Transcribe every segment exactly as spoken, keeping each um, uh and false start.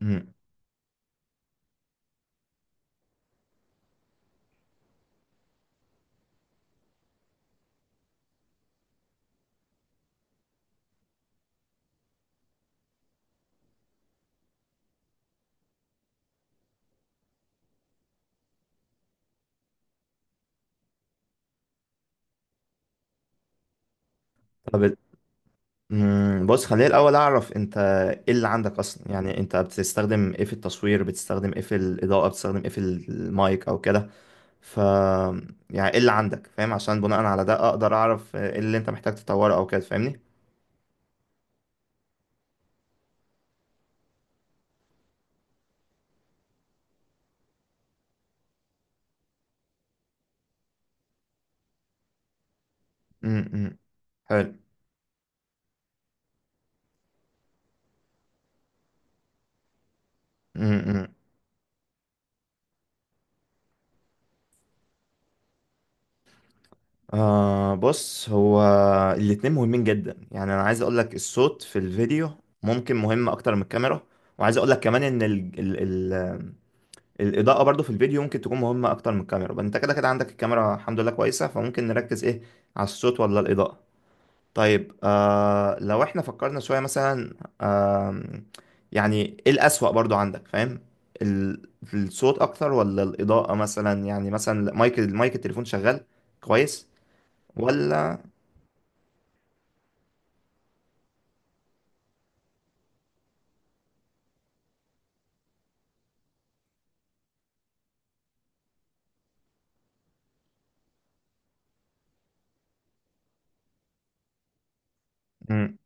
مم. طب مم. بص خليني الأول أعرف أنت إيه اللي عندك أصلا يعني أنت بتستخدم إيه في التصوير، بتستخدم إيه في الإضاءة، بتستخدم إيه في المايك أو كده. ف يعني إيه اللي عندك؟ فاهم؟ عشان بناء على ده أقدر أعرف إيه اللي أنت محتاج تطوره أو كده. فاهمني؟ مم. مم. حلو. مم. مم. آه بص، هو الاتنين مهمين جدا، يعني أنا عايز أقول لك الصوت في الفيديو ممكن مهم أكتر من الكاميرا، وعايز أقول لك كمان إن ال... ال... ال... الاضاءه برضو في الفيديو ممكن تكون مهمه اكتر من الكاميرا. بقى انت كده كده عندك الكاميرا الحمد لله كويسه، فممكن نركز ايه، على الصوت ولا الاضاءه؟ طيب، آه لو احنا فكرنا شويه مثلا، آم، يعني ايه الاسوأ برضو عندك؟ فاهم؟ ال- الصوت اكتر ولا الاضاءه مثلا؟ يعني مثلا مايك المايك التليفون شغال كويس ولا؟ مم،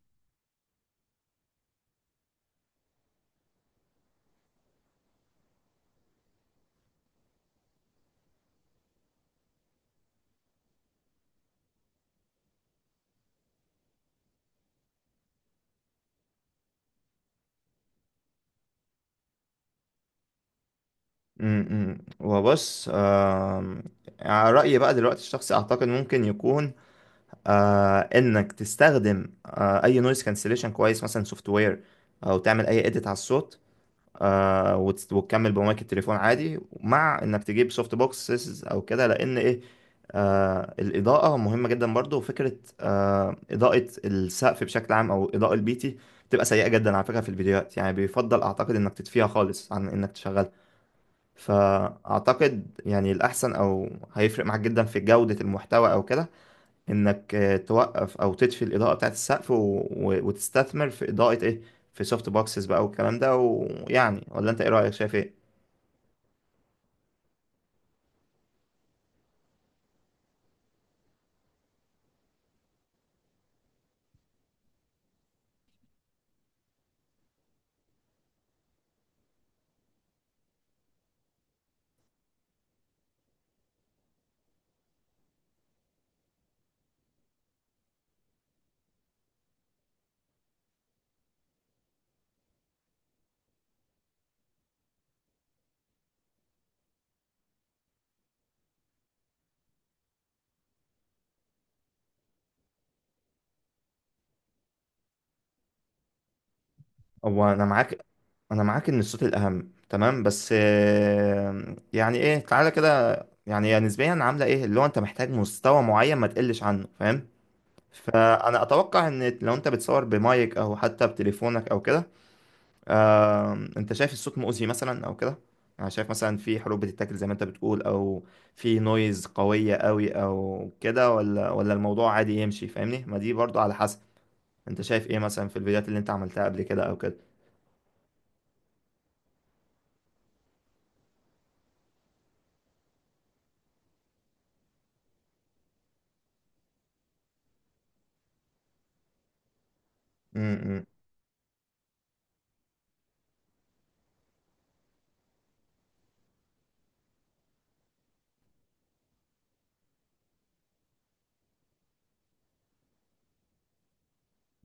مم، مم. وبص، آم، على رأيي بقى دلوقتي الشخصي اعتقد ممكن يكون آه انك تستخدم آه اي نويز كانسليشن كويس، مثلا سوفت وير، او تعمل اي اديت على الصوت. آه وتس- وتكمل بمايك التليفون عادي، مع انك تجيب سوفت بوكسز او كده. لان ايه، آه الاضاءه مهمه جدا برضو. وفكره آه اضاءه السقف بشكل عام، او اضاءه البيتي، بتبقى سيئه جدا على فكره في الفيديوهات، يعني بيفضل اعتقد انك تطفيها خالص عن انك تشغلها. فاعتقد يعني الاحسن، او هيفرق معاك جدا في جوده المحتوى او كده، انك آه، توقف او تطفي الاضاءه بتاعت السقف، و... و... وتستثمر في اضاءه ايه، في سوفت بوكسز بقى والكلام ده. ويعني، ولا انت ايه رايك؟ شايف ايه؟ هو انا معاك، انا معاك ان الصوت الاهم، تمام. بس آه، يعني ايه، تعالى كده، يعني هي نسبيا عامله ايه؟ اللي هو انت محتاج مستوى معين ما تقلش عنه. فاهم؟ فانا اتوقع ان لو انت بتصور بمايك او حتى بتليفونك او كده، آه، انت شايف الصوت مؤذي مثلا او كده؟ انا شايف مثلا في حروف بتتاكل زي ما انت بتقول، او في نويز قوية قوي او كده، ولا ولا الموضوع عادي يمشي؟ فاهمني؟ ما دي برضو على حسب انت شايف ايه مثلا في الفيديوهات اللي انت عملتها قبل كده او كده. م- م-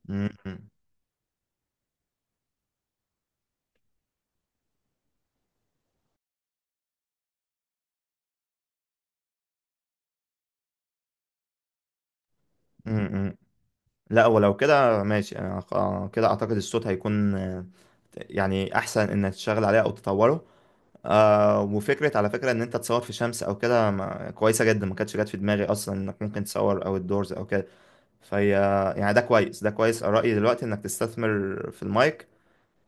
م- م- م. لا، ولو كده ماشي. أنا خ- كده اعتقد الصوت هيكون آه، يعني احسن انك تشتغل عليه او تطوره. آه وفكره على فكره ان انت تصور في شمس او كده ما- كويسه جدا، ما كانتش جت في دماغي اصلا انك ممكن تصور او الدورز او كده. فهي يعني ده كويس، ده كويس. رأيي دلوقتي انك تستثمر في المايك.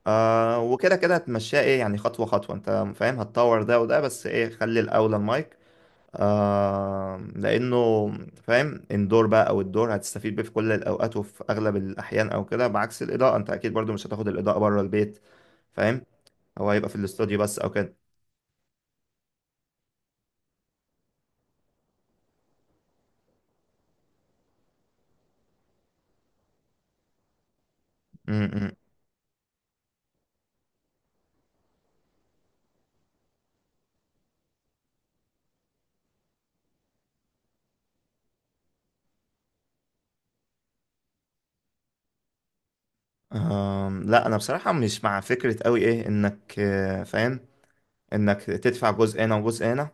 آه وكده كده هتمشيها ايه، يعني خطوة خطوة انت فاهم، هتطور ده وده، بس ايه، خلي الأولى المايك. آه لأنه فاهم، اندور بقى أو الدور هتستفيد بيه في كل الأوقات وفي أغلب الأحيان أو كده، بعكس الإضاءة، انت أكيد برضو مش هتاخد الإضاءة بره البيت. فاهم؟ هو هيبقى في الاستوديو بس أو كده. م- م. آم، لا، انا بصراحه مش مع فكره قوي ايه انك آه، فاهم، انك تدفع جزء هنا وجزء هنا.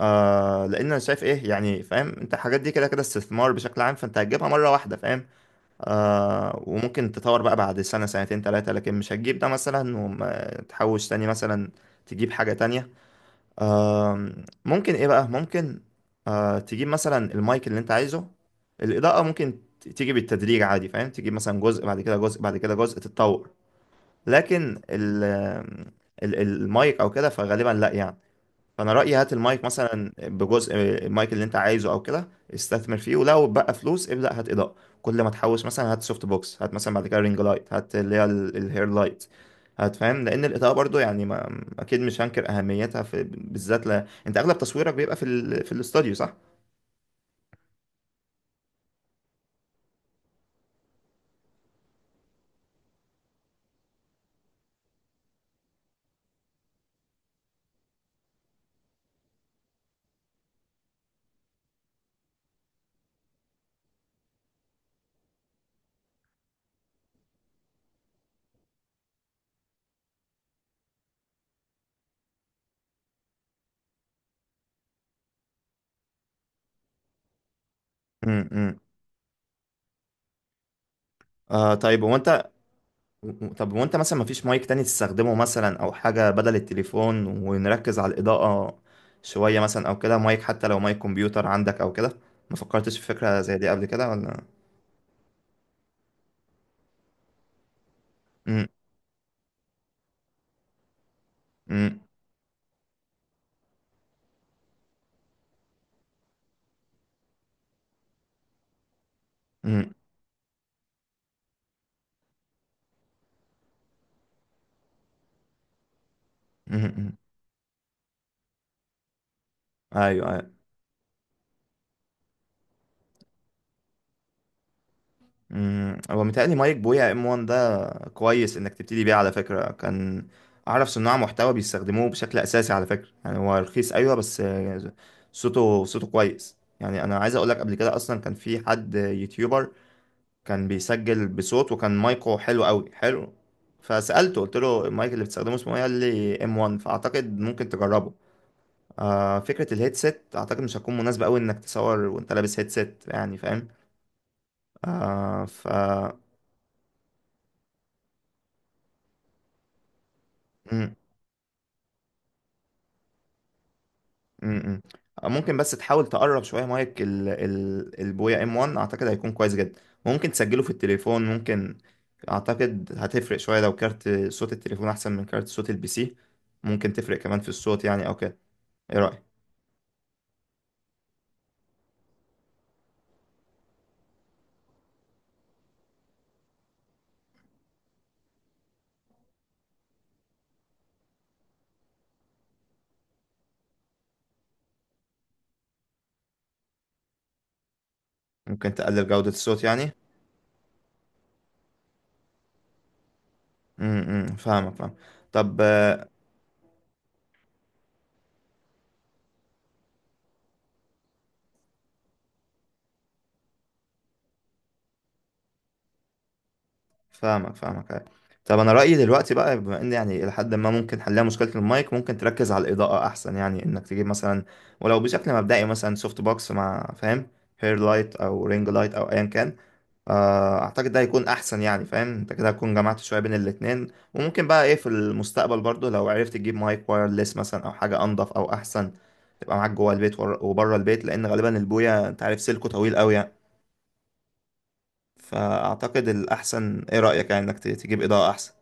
آه لان انا شايف ايه، يعني فاهم، انت الحاجات دي كده كده استثمار بشكل عام، فانت هتجيبها مره واحده. فاهم؟ آه وممكن تطور بقى بعد سنه، سنتين، ثلاثه، لكن مش هتجيب ده مثلا وتحوش تاني مثلا تجيب حاجه تانية. آه ممكن ايه بقى ممكن آه تجيب مثلا المايك اللي انت عايزه. الاضاءه ممكن ت- تيجي بالتدريج عادي، فاهم، تجيب مثلا جزء بعد كده، جزء بعد كده، جزء، تتطور. لكن ال ال- المايك او كده فغالبا لا، يعني فانا رايي هات المايك مثلا بجزء، المايك اللي انت عايزه او كده، استثمر فيه. ولو بقى فلوس ابدا هات اضاءه، كل ما تحوش مثلا هات سوفت بوكس، هات مثلا بعد كده رينج لايت، هات اللي هي ال- الهير لايت، هات. فاهم؟ لان الاضاءه برضو يعني ما اكيد مش هنكر اهميتها، في بالذات ل... انت اغلب تصويرك بيبقى في ال... في الاستوديو، صح؟ امم. آه طيب، هو انت، و- و- طب وانت مثلا مفيش مايك تاني تستخدمه مثلا، او حاجة بدل التليفون، ونركز على الإضاءة شوية مثلا او كده؟ مايك حتى لو مايك كمبيوتر عندك او كده. ما فكرتش في فكرة زي دي قبل كده ولا؟ مم. مم. مم. مم. مم. ايوه ايوه. مم. هو متهيألي مايك بويا ام وان ده كويس انك تبتدي بيه على فكرة. كان اعرف صناع محتوى بيستخدموه بشكل اساسي على فكرة. يعني هو رخيص ايوه، بس صوته صوته كويس. يعني انا عايز اقول لك، قبل كده اصلا كان في حد يوتيوبر كان بيسجل بصوت، وكان مايكو حلو قوي، حلو. فسألته قلت له المايك اللي بتستخدمه اسمه ايه، قال لي ام واحد، فاعتقد ممكن تجربه. آه فكرة الهيدسيت اعتقد مش هتكون مناسبة قوي انك تصور وانت لابس هيدسيت، يعني فاهم. آه ف مم، مم، مم. آه، ممكن بس تحاول تقرب شوية مايك ال... ال... البويا ام وان، اعتقد هيكون كويس جدا. ممكن تسجله في التليفون، ممكن اعتقد هتفرق شوية لو كارت صوت التليفون احسن من كارت صوت البي سي، ممكن تفرق كمان في الصوت يعني او كده. ايه رأيك؟ ممكن تقلل جودة الصوت يعني. امم، فاهمك، فاهم. طب آه، فاهمك فاهمك، أيوة. طب انا رأيي دلوقتي بقى، بما ان يعني الى حد ما ممكن حلها مشكلة المايك، ممكن تركز على الإضاءة احسن. يعني انك تجيب مثلا، ولو بشكل مبدئي مثلا، سوفت بوكس مع فاهم هير لايت او رينج لايت او ايا كان. آه، اعتقد ده هيكون احسن، يعني فاهم انت كده هتكون جمعت شوية بين الاتنين. وممكن بقى ايه في المستقبل برضو لو عرفت تجيب مايك وايرلس مثلا، او حاجة انضف او احسن، تبقى معاك جوه البيت ور- وبره البيت، لان غالبا البوية انت عارف سلكه طويل قوي، يعني. فأعتقد الأحسن، إيه رأيك يعني، إنك ت- تجيب إضاءة أحسن.